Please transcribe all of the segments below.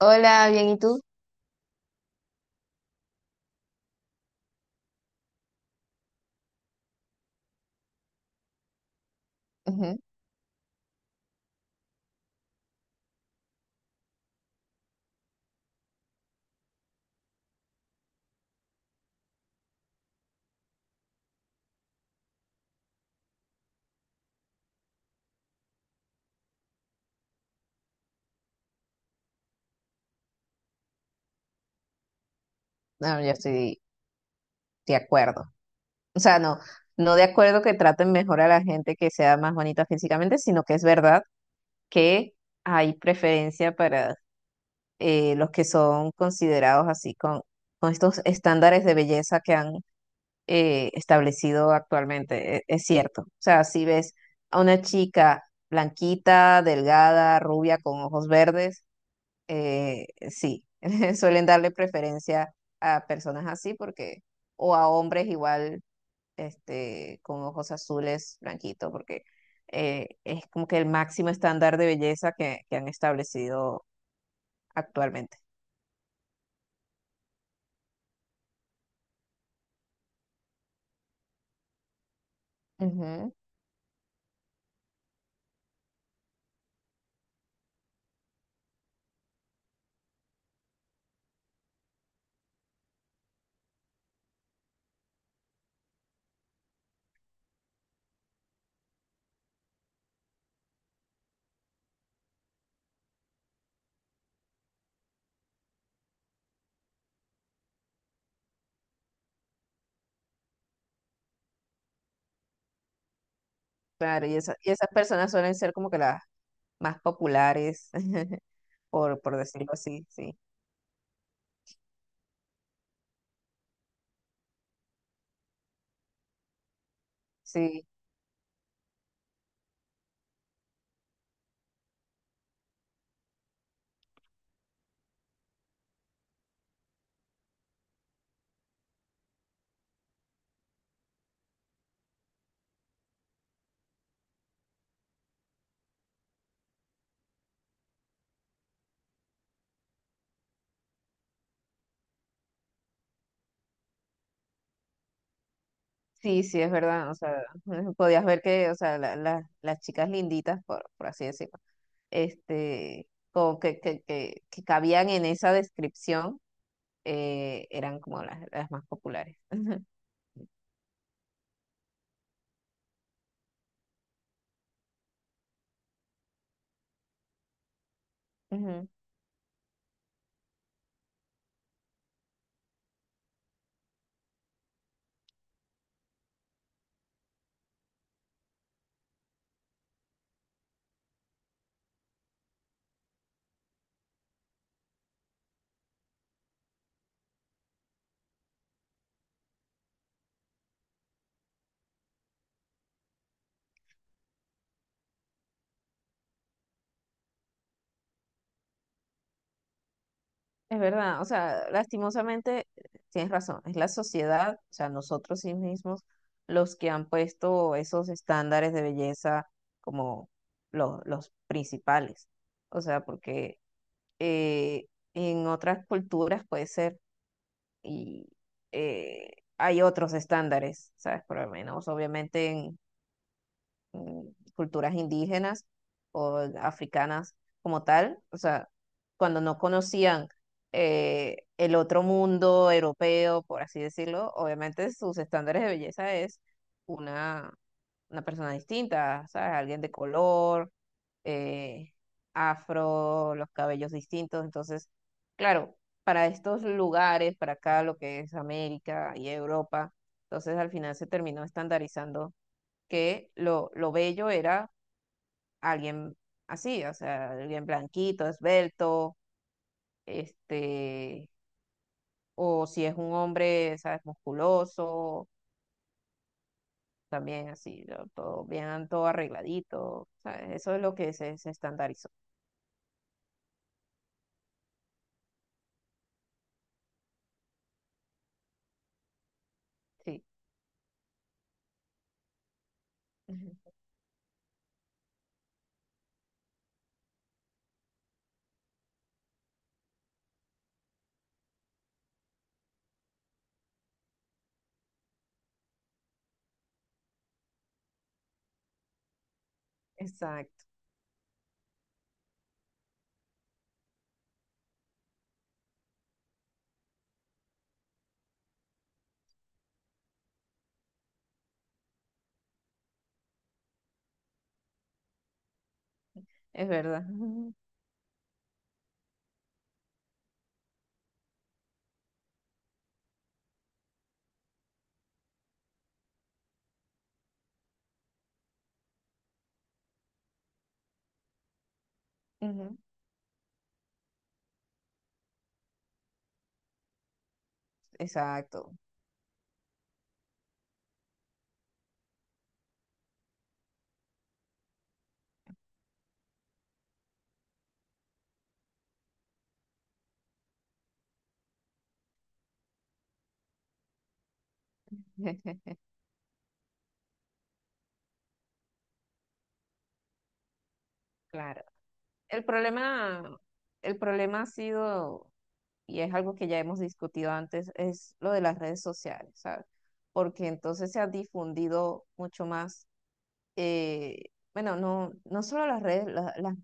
Hola, bien, ¿y tú? Ujú. No, yo estoy de acuerdo. O sea, no, no de acuerdo que traten mejor a la gente que sea más bonita físicamente, sino que es verdad que hay preferencia para los que son considerados así con estos estándares de belleza que han establecido actualmente. Es cierto. O sea, si ves a una chica blanquita, delgada, rubia, con ojos verdes, sí, suelen darle preferencia a personas así porque, o a hombres igual, este, con ojos azules, blanquitos, porque es como que el máximo estándar de belleza que han establecido actualmente. Ujú. Claro, y, y esas personas suelen ser como que las más populares, por decirlo así, sí. Sí. Sí, sí, es verdad. O sea, podías ver que, o sea, las chicas linditas, por así decirlo, este, como que cabían en esa descripción, eran como las más populares. Ujú. Es verdad, o sea, lastimosamente tienes razón, es la sociedad, o sea, nosotros sí mismos, los que han puesto esos estándares de belleza como los principales. O sea, porque eh, en otras culturas puede ser, y eh, hay otros estándares, ¿sabes? Por lo menos, obviamente, en, mm, culturas indígenas o africanas como tal, o sea, cuando no conocían el otro mundo europeo, por así decirlo, obviamente sus estándares de belleza es una, una persona distinta, ¿sabes? Alguien de color, eh, afro, los cabellos distintos, entonces, claro, para estos lugares, para acá lo que es América y Europa, entonces al final se terminó estandarizando que lo bello era alguien así, o sea, alguien blanquito, esbelto, este, o si es un hombre, ¿sabes? Musculoso, también así, ¿no? Todo bien, todo arregladito, ¿sabes? Eso es lo que se estandarizó. Sí. Ujú. Exacto, es verdad. Ujú, ujú. Exacto. Claro. El problema, el problema ha sido y es algo que ya hemos discutido antes, es lo de las redes sociales, ¿sabes? Porque entonces se ha difundido mucho más eh, bueno, no, no solo las redes, la- la-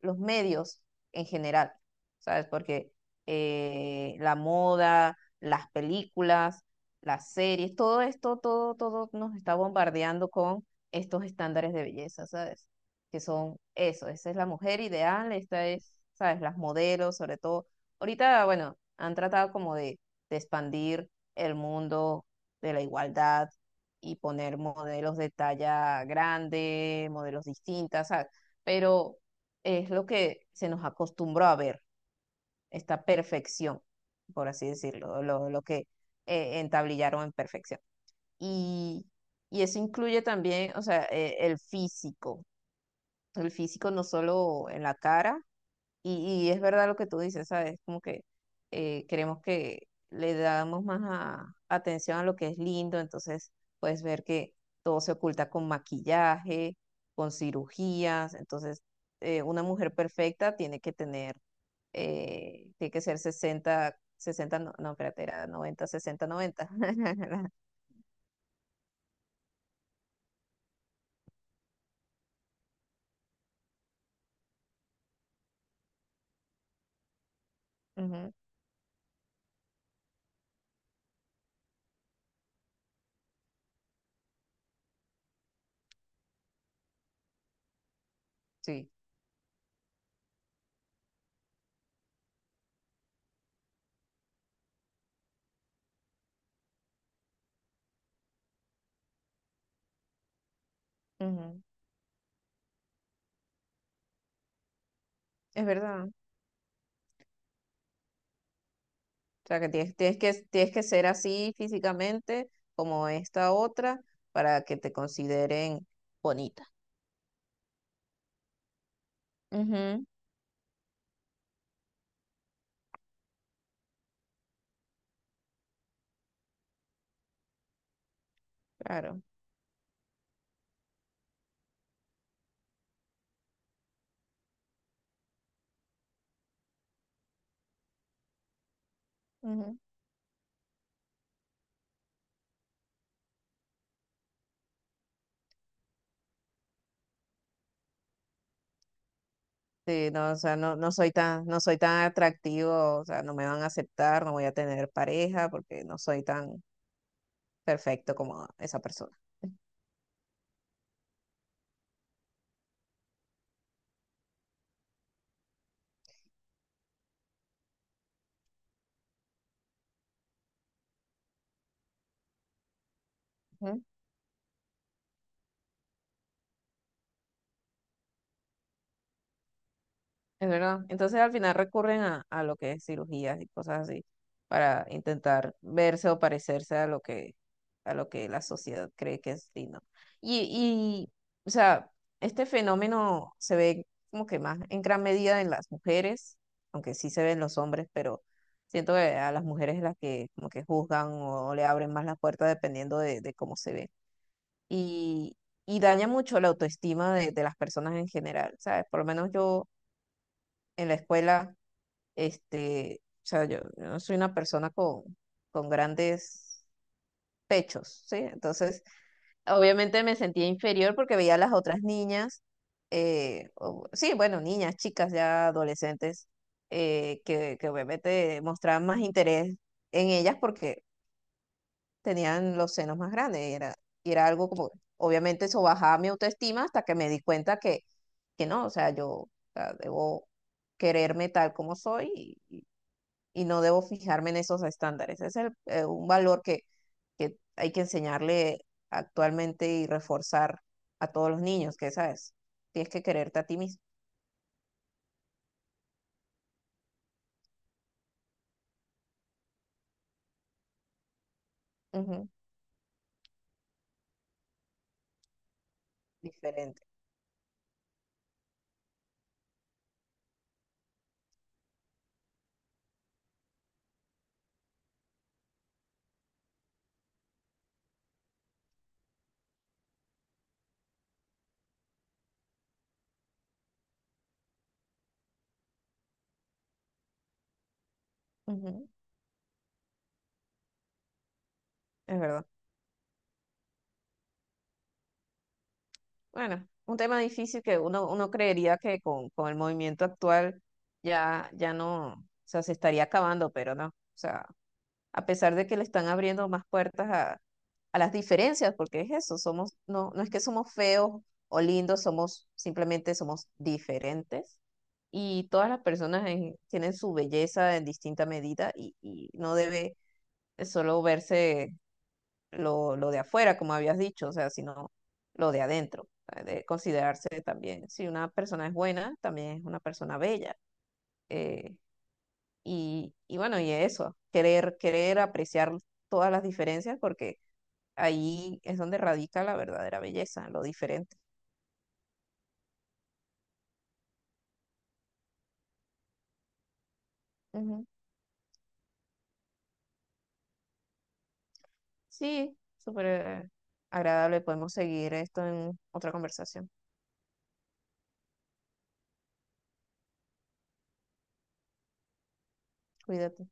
los medios en general, ¿sabes? Porque la moda, las películas, las series, todo esto, todo nos está bombardeando con estos estándares de belleza, ¿sabes? Que son eso, esa es la mujer ideal, esta es, ¿sabes? Las modelos, sobre todo. Ahorita, bueno, han tratado como de expandir el mundo de la igualdad y poner modelos de talla grande, modelos distintas, ¿sabes? Pero es lo que se nos acostumbró a ver, esta perfección, por así decirlo, lo que entablillaron en perfección. Y, y eso incluye también, o sea, el físico no solo en la cara, y es verdad lo que tú dices, ¿sabes? Como que queremos que le damos más atención a lo que es lindo, entonces puedes ver que todo se oculta con maquillaje, con cirugías, entonces una mujer perfecta tiene que tener, tiene que ser 60-60 no, no, espérate, era 90-60-90 Ujú, sí, ujú. Es verdad. O sea, que tienes que ser así físicamente como esta otra para que te consideren bonita. Ujú, claro. Ujú. Sí, no, o sea, no, no soy tan atractivo, o sea, no me van a aceptar, no voy a tener pareja porque no soy tan perfecto como esa persona. Ujú. Es verdad. Entonces al final recurren a lo que es cirugías y cosas así para intentar verse o parecerse a lo que la sociedad cree que es lindo. Y, y, o sea, este fenómeno se ve como que más en gran medida en las mujeres, aunque sí se ven los hombres, pero siento que a las mujeres es las que como que juzgan o le abren más las puertas dependiendo de cómo se ve. Y, y daña mucho la autoestima de las personas en general, ¿sabes? Por lo menos yo en la escuela este, o sea, yo no soy una persona con grandes pechos, ¿sí? Entonces, obviamente me sentía inferior porque veía a las otras niñas, sí, bueno, niñas, chicas ya adolescentes, que, obviamente mostraban más interés en ellas porque tenían los senos más grandes. Y era algo como, obviamente eso bajaba mi autoestima hasta que me di cuenta que, no, o sea, yo o sea, debo quererme tal como soy y no debo fijarme en esos estándares. Es un valor que hay que enseñarle actualmente y reforzar a todos los niños, que sabes, tienes que quererte a ti mismo. Ujú. Diferente. Ujú. Es verdad. Bueno, un tema difícil que uno creería que con el movimiento actual ya, ya no, o sea, se estaría acabando, pero no. O sea, a pesar de que le están abriendo más puertas a las diferencias, porque es eso, somos, no, no es que somos feos o lindos, somos simplemente somos diferentes y todas las personas tienen su belleza en distinta medida y no debe solo verse lo de afuera, como habías dicho, o sea, sino lo de adentro, o sea, de considerarse también, si una persona es buena, también es una persona bella. Eh, y, bueno, y eso, querer apreciar todas las diferencias porque ahí es donde radica la verdadera belleza, lo diferente. Ujú. Sí, súper agradable. Podemos seguir esto en otra conversación. Cuídate.